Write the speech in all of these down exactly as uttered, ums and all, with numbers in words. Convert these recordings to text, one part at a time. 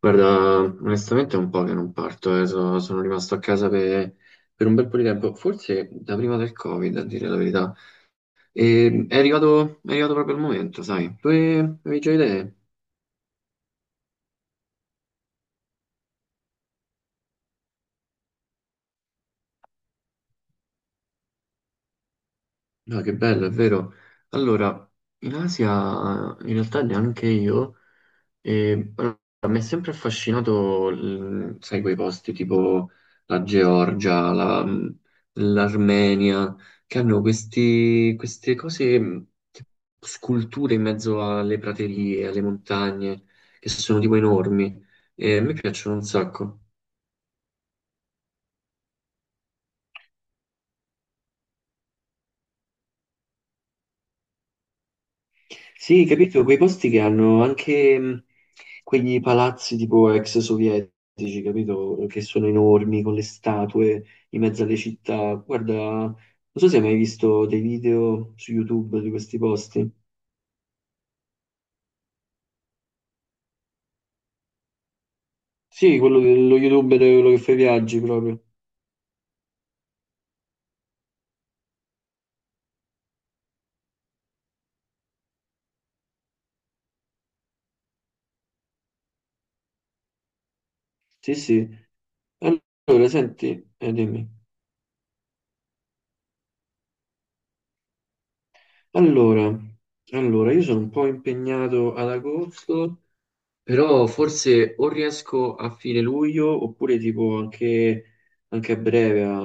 Guarda, onestamente è un po' che non parto, eh, so- sono rimasto a casa per, per un bel po' di tempo, forse da prima del Covid, a dire la verità. E è arrivato, è arrivato proprio il momento, sai? Tu eh, avevi già idee? No, che bello, è vero. Allora, in Asia, in realtà neanche io. E allora, mi è sempre affascinato, l- sai, quei posti tipo la Georgia, la- l'Armenia, che hanno questi- queste cose, mh, sculture in mezzo alle praterie, alle montagne, che sono tipo enormi. E a me piacciono un sacco. Sì, capito, quei posti che hanno anche mh, quegli palazzi tipo ex sovietici, capito, che sono enormi con le statue in mezzo alle città. Guarda, non so se hai mai visto dei video su YouTube di questi posti. Sì, quello dello youtuber, quello che fa i viaggi proprio. Sì, sì. Allora, senti, eh, dimmi. Allora, allora, io sono un po' impegnato ad agosto. Però forse o riesco a fine luglio oppure tipo anche, anche a breve, a,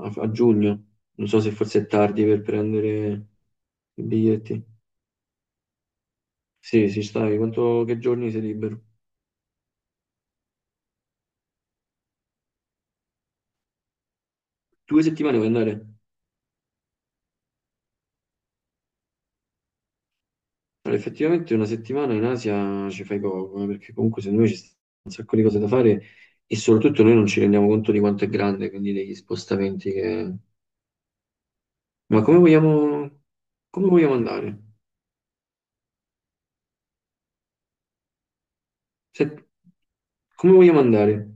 a- a giugno. Non so se forse è tardi per prendere i biglietti. Sì, sì, stai. Quanto, che giorni sei libero? Due settimane puoi andare? Allora, effettivamente una settimana in Asia ci fai poco, eh, perché comunque secondo me ci stanno un sacco di cose da fare e soprattutto noi non ci rendiamo conto di quanto è grande, quindi degli spostamenti che... Ma come vogliamo, come vogliamo andare? Se- come vogliamo andare?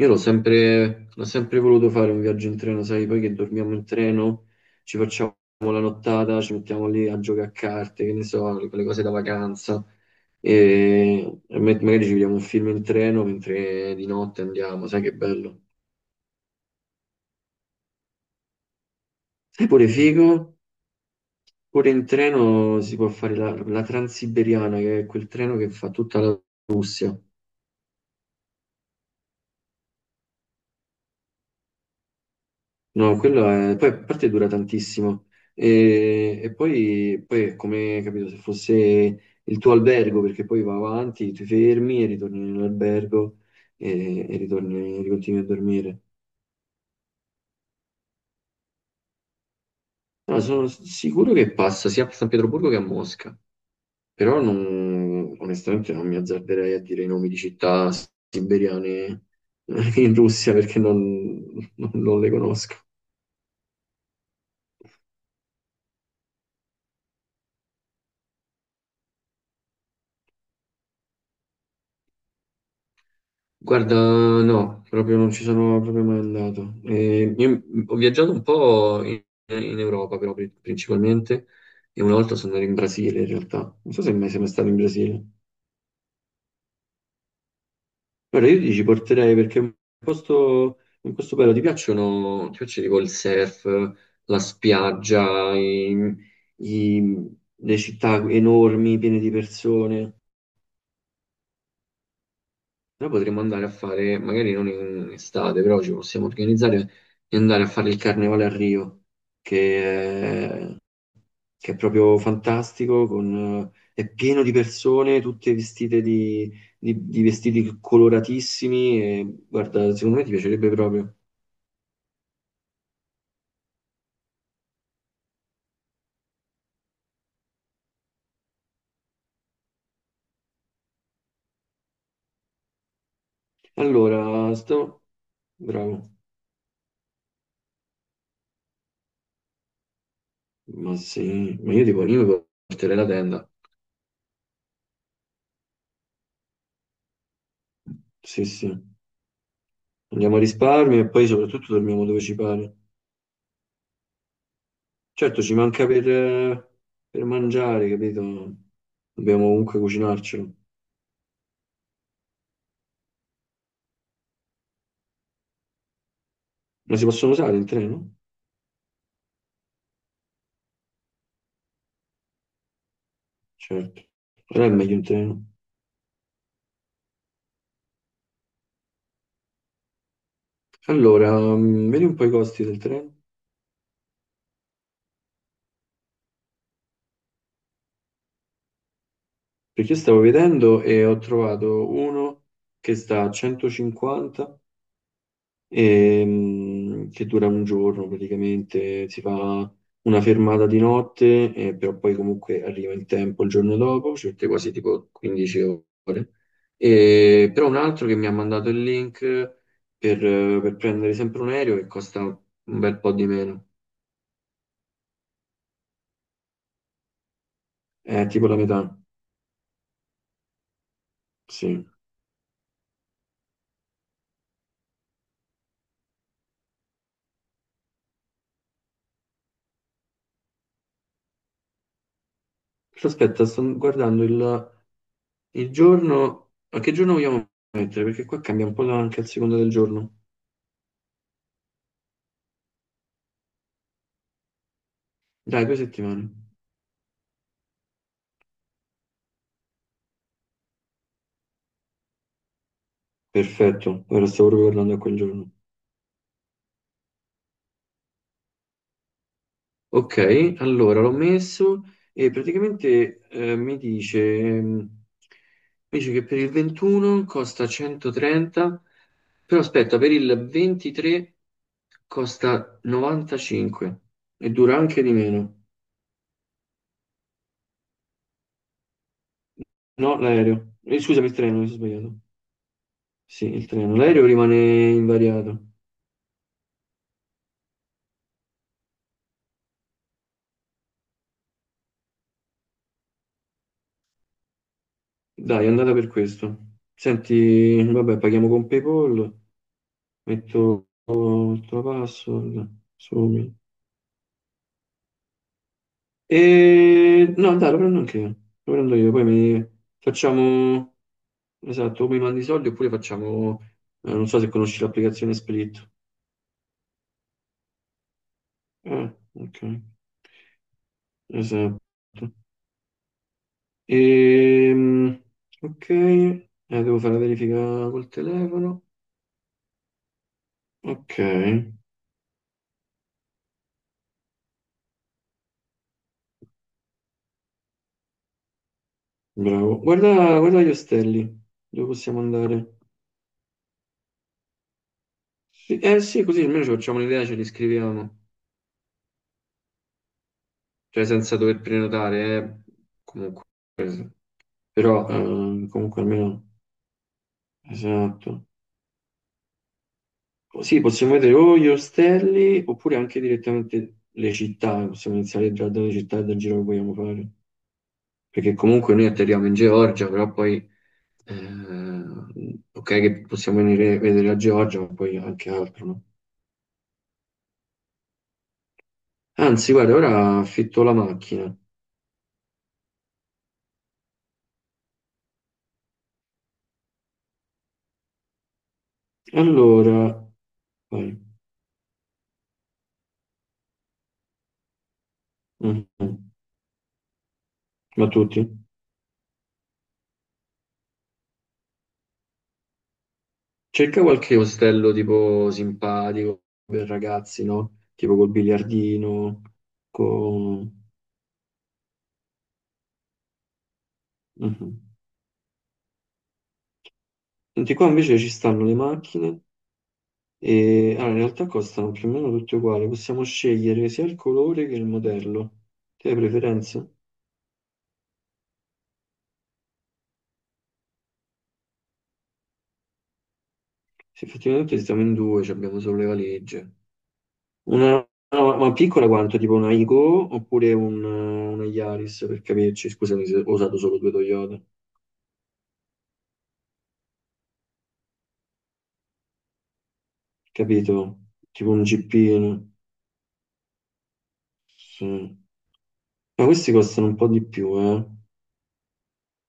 Io l'ho sempre, l'ho sempre voluto fare un viaggio in treno, sai, poi che dormiamo in treno, ci facciamo la nottata, ci mettiamo lì a giocare a carte, che ne so, quelle cose da vacanza, e, e me- magari ci vediamo un film in treno mentre di notte andiamo, sai che bello. Sai pure figo? Pure in treno si può fare la, la Transiberiana, che è quel treno che fa tutta la Russia. No, quello è... Poi, a parte dura tantissimo e, e poi, poi è come, capito, se fosse il tuo albergo, perché poi va avanti, ti fermi e ritorni nell'albergo e, e ritorni, ricontinui a dormire. No, sono sicuro che passa sia a San Pietroburgo che a Mosca, però non- onestamente non mi azzarderei a dire i nomi di città siberiane in Russia perché non non- non le conosco. Guarda, no, proprio non ci sono proprio mai andato. Eh, io ho viaggiato un po' in, in Europa, però pri- principalmente, e una volta sono andato in Brasile in realtà. Non so se mai sei mai stato in Brasile. Guarda, io ti ci porterei perché è un posto, un posto bello. Ti piacciono, ti piace tipo il surf, la spiaggia, i- i- le città enormi, piene di persone. Però potremmo andare a fare, magari non in estate, però ci possiamo organizzare e andare a fare il carnevale a Rio, che è, che è proprio fantastico, con, eh, è pieno di persone, tutte vestite di, di- di vestiti coloratissimi e guarda, secondo me ti piacerebbe proprio. Allora, sto... Bravo. Ma sì, ma io tipo, io mi porterei la tenda. Sì, sì. Andiamo a risparmio e poi soprattutto dormiamo dove ci pare. Certo, ci manca per, per mangiare, capito? Dobbiamo comunque cucinarcelo. Ma si possono usare in treno? Certo, non è meglio in treno. Allora, mm, vedi un po' i costi del treno? Perché io stavo vedendo e ho trovato uno che sta a centocinquanta ehm, che dura un giorno praticamente, si fa una fermata di notte, eh, però poi comunque arriva in tempo il giorno dopo, ci mette quasi tipo quindici ore. E, però un altro che mi ha mandato il link per, eh, per prendere sempre un aereo che costa un bel po' di meno, è tipo la metà, sì. Però aspetta, sto guardando il, il giorno, a che giorno vogliamo mettere? Perché qua cambia un po' la- anche a seconda del giorno. Dai, due settimane. Perfetto, ora stavo proprio parlando a quel giorno. Ok, allora l'ho messo e praticamente eh, mi dice, ehm, mi dice che per il ventuno costa centotrenta, però aspetta, per il ventitré costa novantacinque e dura anche di meno. No, l'aereo. Eh, scusami, il treno, mi sono sbagliato. Sì, il treno. L'aereo rimane invariato. Dai, è andata per questo. Senti, vabbè, paghiamo con PayPal. Metto metto la password. Sumi. E no, dai, lo prendo anche io. Lo prendo io, poi mi facciamo esatto, o mi mandi i soldi oppure facciamo eh, non so se conosci l'applicazione Split. Eh, ok. Esatto. Ehm, ok, eh, devo fare la verifica col telefono. Ok, bravo. Guarda, guarda gli ostelli, dove possiamo andare? Sì, eh sì, così almeno ci facciamo un'idea, ce li scriviamo. Cioè senza dover prenotare, eh, comunque, però eh, comunque almeno, esatto. Sì, possiamo vedere o gli ostelli oppure anche direttamente le città, possiamo iniziare già dalle città e dal giro che vogliamo fare, perché comunque noi atterriamo in Georgia, però poi, eh, ok che possiamo venire a vedere la Georgia, ma poi anche altro, no? Anzi, guarda, ora affitto la macchina. Allora, vai. Mhm. Ma tutti? Cerca qualche ostello tipo simpatico per ragazzi, no? Tipo col biliardino, con... Mhm. Senti, qua invece ci stanno le macchine e allora, in realtà costano più o meno tutte uguali, possiamo scegliere sia il colore che il modello. Te hai preferenze? Se effettivamente stiamo in due, ci abbiamo solo le valigie. Una, no, ma piccola quanto? Tipo una Igo oppure un- una Yaris, per capirci, scusami se ho usato solo due Toyota, capito? Tipo un Jeepino. Sì. Ma questi costano un po' di più, eh.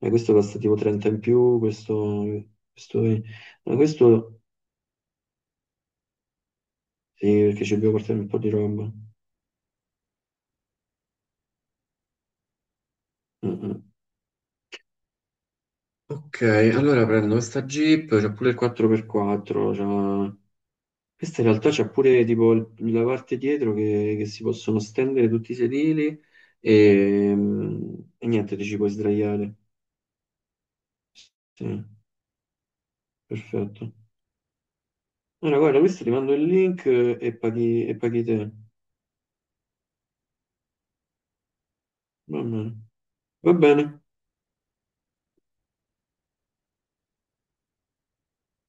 E questo costa tipo trenta in più, questo... Questo, è- ma questo sì, perché ci dobbiamo portare un po' di roba. Mm, mm. Ok, allora prendo questa Jeep. C'è pure il quattro per quattro, c'ha- questa in realtà c'è pure tipo il- la parte dietro che, che si possono stendere tutti i sedili e, mm, e niente, ti ci puoi sdraiare. Sì, perfetto. Allora, guarda, questo ti mando il link eh, e paghi, e paghi te. Va bene. Va bene.